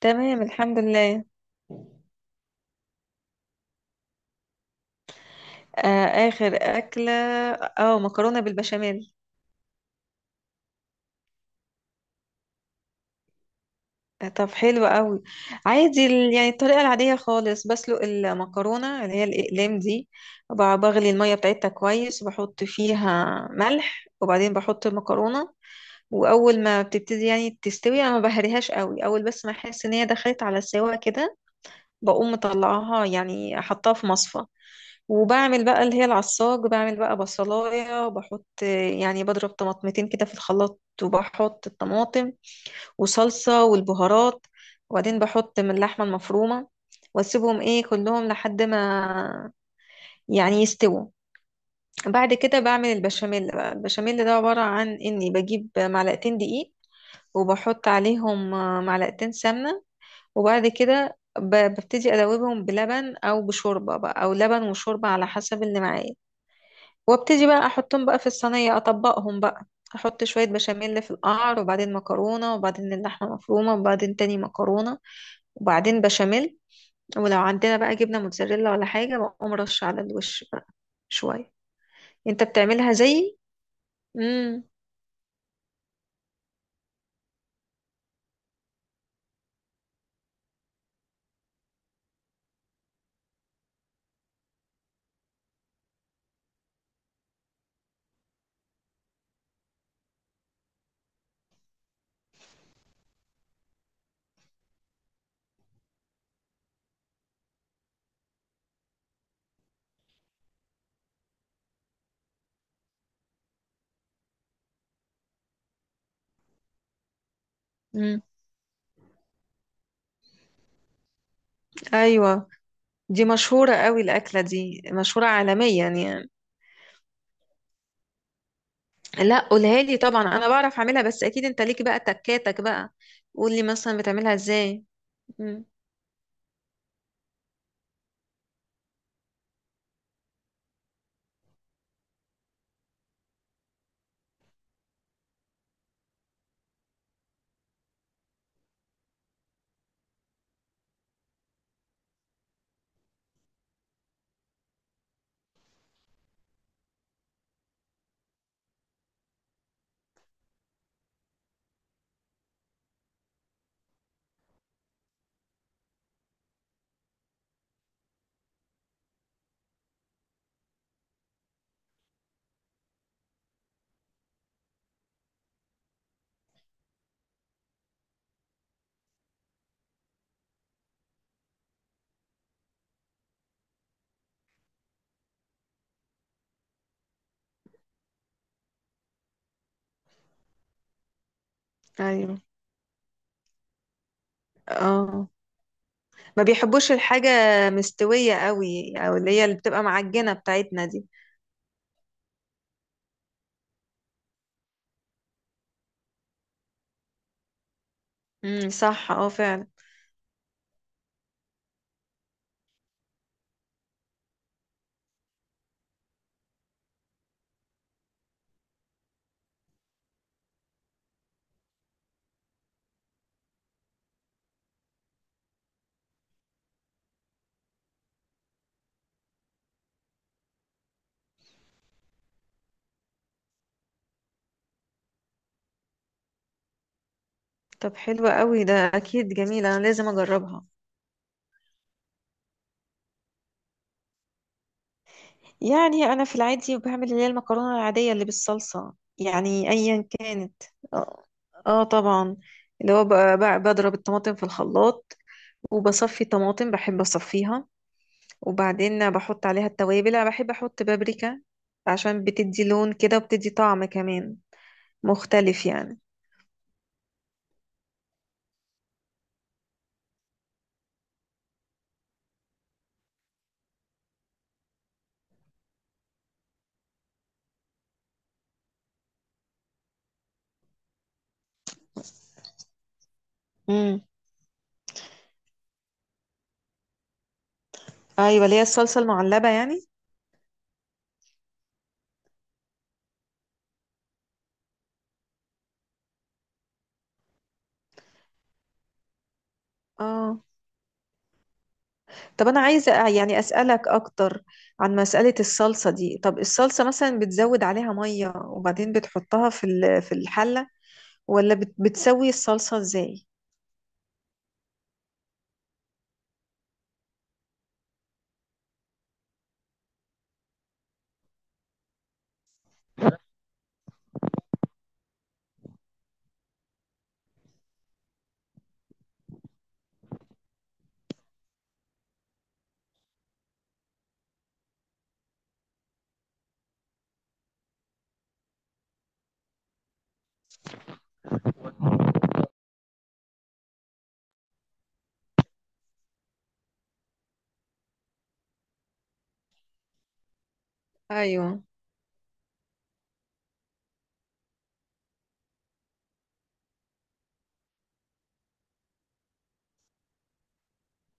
تمام، الحمد لله. آه، آخر أكلة، اه مكرونة بالبشاميل. آه، طب حلو قوي. عادي، يعني الطريقة العادية خالص، بسلق المكرونة اللي هي الأقلام دي، وب- بغلي المية بتاعتها كويس، وبحط فيها ملح، وبعدين بحط المكرونة. وأول ما بتبتدي يعني تستوي، أنا ما بهريهاش قوي، أول بس ما أحس إن هي دخلت على السوا كده، بقوم مطلعاها، يعني أحطها في مصفى. وبعمل بقى اللي هي العصاج، بعمل بقى بصلاية، بحط يعني بضرب طماطمتين كده في الخلاط، وبحط الطماطم وصلصة والبهارات. وبعدين بحط من اللحمة المفرومة، واسيبهم ايه كلهم لحد ما يعني يستووا. بعد كده بعمل البشاميل بقى. البشاميل ده عبارة عن اني بجيب معلقتين دقيق، وبحط عليهم معلقتين سمنة. وبعد كده ببتدي ادوبهم بلبن او بشوربة بقى، او لبن وشوربة على حسب اللي معايا. وابتدي بقى احطهم بقى في الصينيه، اطبقهم بقى. احط شويه بشاميل في القعر، وبعدين مكرونه، وبعدين اللحمه مفرومه، وبعدين تاني مكرونه، وبعدين بشاميل. ولو عندنا بقى جبنه موتزاريلا ولا حاجه بقوم رش على الوش بقى شويه. انت بتعملها زيي؟ امم. امم. ايوه، دي مشهوره قوي، الاكله دي مشهوره عالميا يعني. لا، قولها لي. طبعا انا بعرف اعملها، بس اكيد انت ليك بقى تكاتك بقى. قول لي مثلا بتعملها ازاي. امم. ايوه. اه. ما بيحبوش الحاجة مستوية قوي، او اللي هي اللي بتبقى معجنة بتاعتنا دي. امم، صح، اه فعلا. طب حلوة قوي، ده اكيد جميلة، انا لازم اجربها. يعني انا في العادي بعمل اللي هي المكرونة العادية اللي بالصلصة، يعني ايا كانت. اه. آه طبعا. اللي هو بضرب الطماطم في الخلاط، وبصفي طماطم، بحب اصفيها. وبعدين بحط عليها التوابل، انا بحب احط بابريكا، عشان بتدي لون كده وبتدي طعم كمان مختلف يعني. مم. ايوه، اللي هي الصلصه المعلبه يعني. اه. طب انا عايزه يعني اسالك اكتر عن مساله الصلصه دي. طب الصلصه مثلا بتزود عليها ميه وبعدين بتحطها في الحله، ولا بتسوي الصلصه ازاي؟ ايوه.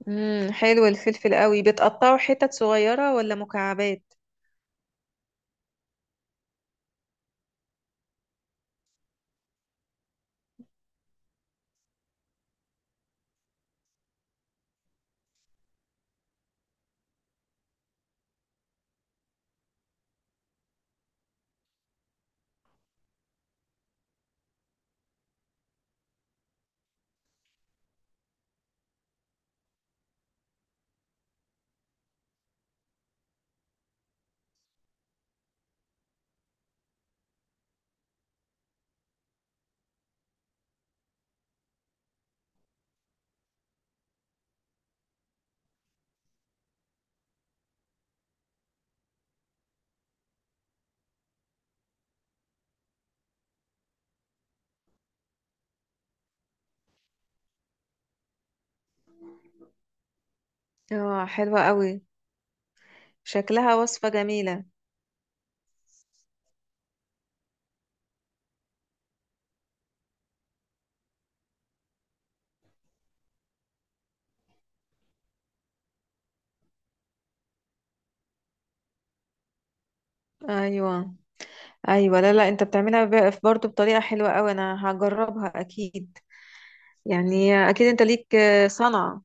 امم، حلو الفلفل قوي. بتقطعه حتت صغيره ولا مكعبات؟ اه حلوه قوي، شكلها وصفه جميله. ايوه، ايوه، لا لا، انت بتعملها برضه بطريقه حلوه قوي، انا هجربها اكيد. يعني اكيد انت ليك صنعه.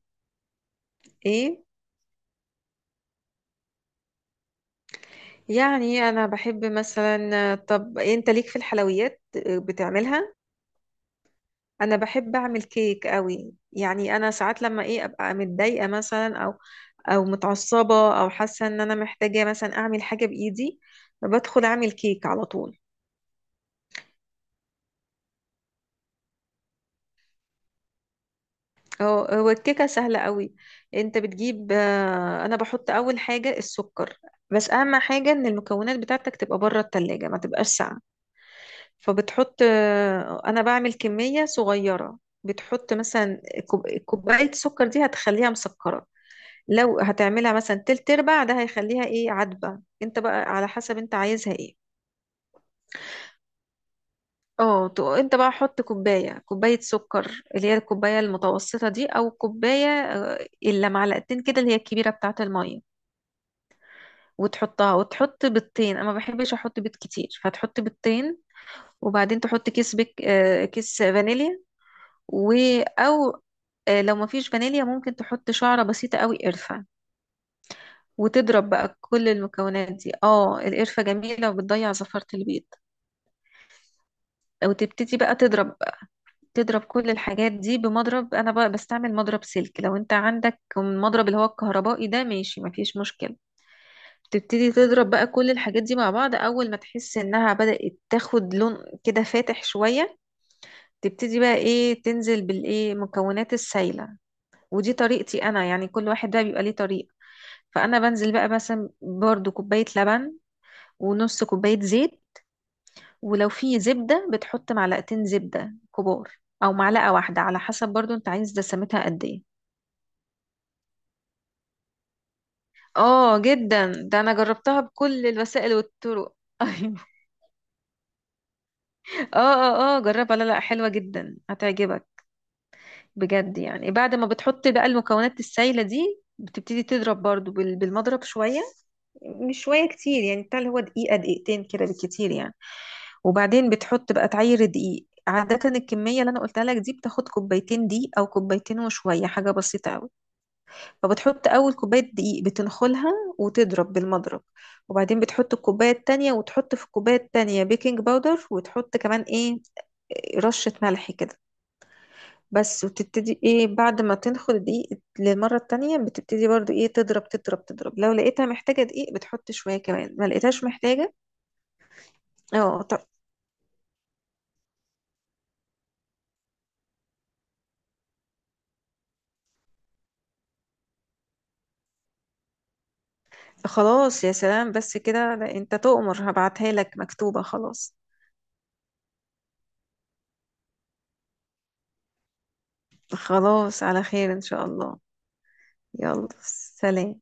ايه؟ يعني انا بحب مثلا، طب انت ليك في الحلويات بتعملها؟ انا بحب اعمل كيك قوي يعني. انا ساعات لما ايه ابقى متضايقه مثلا، او متعصبه، او حاسه ان انا محتاجه مثلا اعمل حاجه بايدي، بدخل اعمل كيك على طول. هو الكيكه سهله قوي. انت بتجيب انا بحط اول حاجه السكر. بس اهم حاجه ان المكونات بتاعتك تبقى بره التلاجة، ما تبقاش ساقعه. فبتحط انا بعمل كمية صغيرة. بتحط مثلا كوباية سكر، دي هتخليها مسكرة. لو هتعملها مثلا تلت ارباع ده هيخليها ايه عدبة، انت بقى على حسب انت عايزها ايه. اه، انت بقى حط كوباية كوباية سكر، اللي هي الكوباية المتوسطة دي، او كوباية الا معلقتين كده، اللي هي الكبيرة بتاعة المية. وتحطها وتحط بيضتين، انا ما بحبش احط بيض كتير، فتحط بيضتين. وبعدين تحط كيس فانيليا. و او آه، لو مفيش فانيليا، ممكن تحط شعرة بسيطة قوي قرفة. وتضرب بقى كل المكونات دي، اه القرفة جميلة وبتضيع زفرة البيض. او تبتدي بقى تضرب. تضرب كل الحاجات دي بمضرب، انا بقى بستعمل مضرب سلك، لو انت عندك المضرب اللي هو الكهربائي ده ماشي، مفيش مشكلة. تبتدي تضرب بقى كل الحاجات دي مع بعض، اول ما تحس انها بدأت تاخد لون كده فاتح شوية، تبتدي بقى ايه تنزل بالايه مكونات السايلة. ودي طريقتي انا يعني، كل واحد بقى بيبقى ليه طريقة. فانا بنزل بقى مثلا برضو كوبايه لبن، ونص كوبايه زيت. ولو في زبده بتحط معلقتين زبده كبار، او معلقه واحده على حسب برضو انت عايز دسمتها قد ايه. اه جدا، ده انا جربتها بكل الوسائل والطرق أيوة. اه اه اه جربها، لا لا حلوه جدا هتعجبك بجد يعني. بعد ما بتحط بقى المكونات السايله دي بتبتدي تضرب برضو بالمضرب شويه، مش شوية كتير يعني، بتاع اللي هو دقيقة دقيقتين كده بالكتير يعني. وبعدين بتحط بقى تعير دقيق، عادة الكمية اللي أنا قلتها لك دي بتاخد كوبايتين دقيق أو كوبايتين وشوية حاجة بسيطة أوي. فبتحط أول كوباية دقيق بتنخلها، وتضرب بالمضرب. وبعدين بتحط الكوباية التانية، وتحط في الكوباية التانية بيكنج باودر، وتحط كمان إيه رشة ملح كده بس. وتبتدي ايه بعد ما تنخل دقيق للمرة التانية، بتبتدي برضو ايه تضرب تضرب تضرب، لو لقيتها محتاجة دقيق بتحط شوية كمان، ما لقيتهاش محتاجة. اه. طب خلاص يا سلام، بس كده، ده انت تؤمر، هبعتها لك مكتوبة خلاص. خلاص، على خير ان شاء الله. يلا. سلام.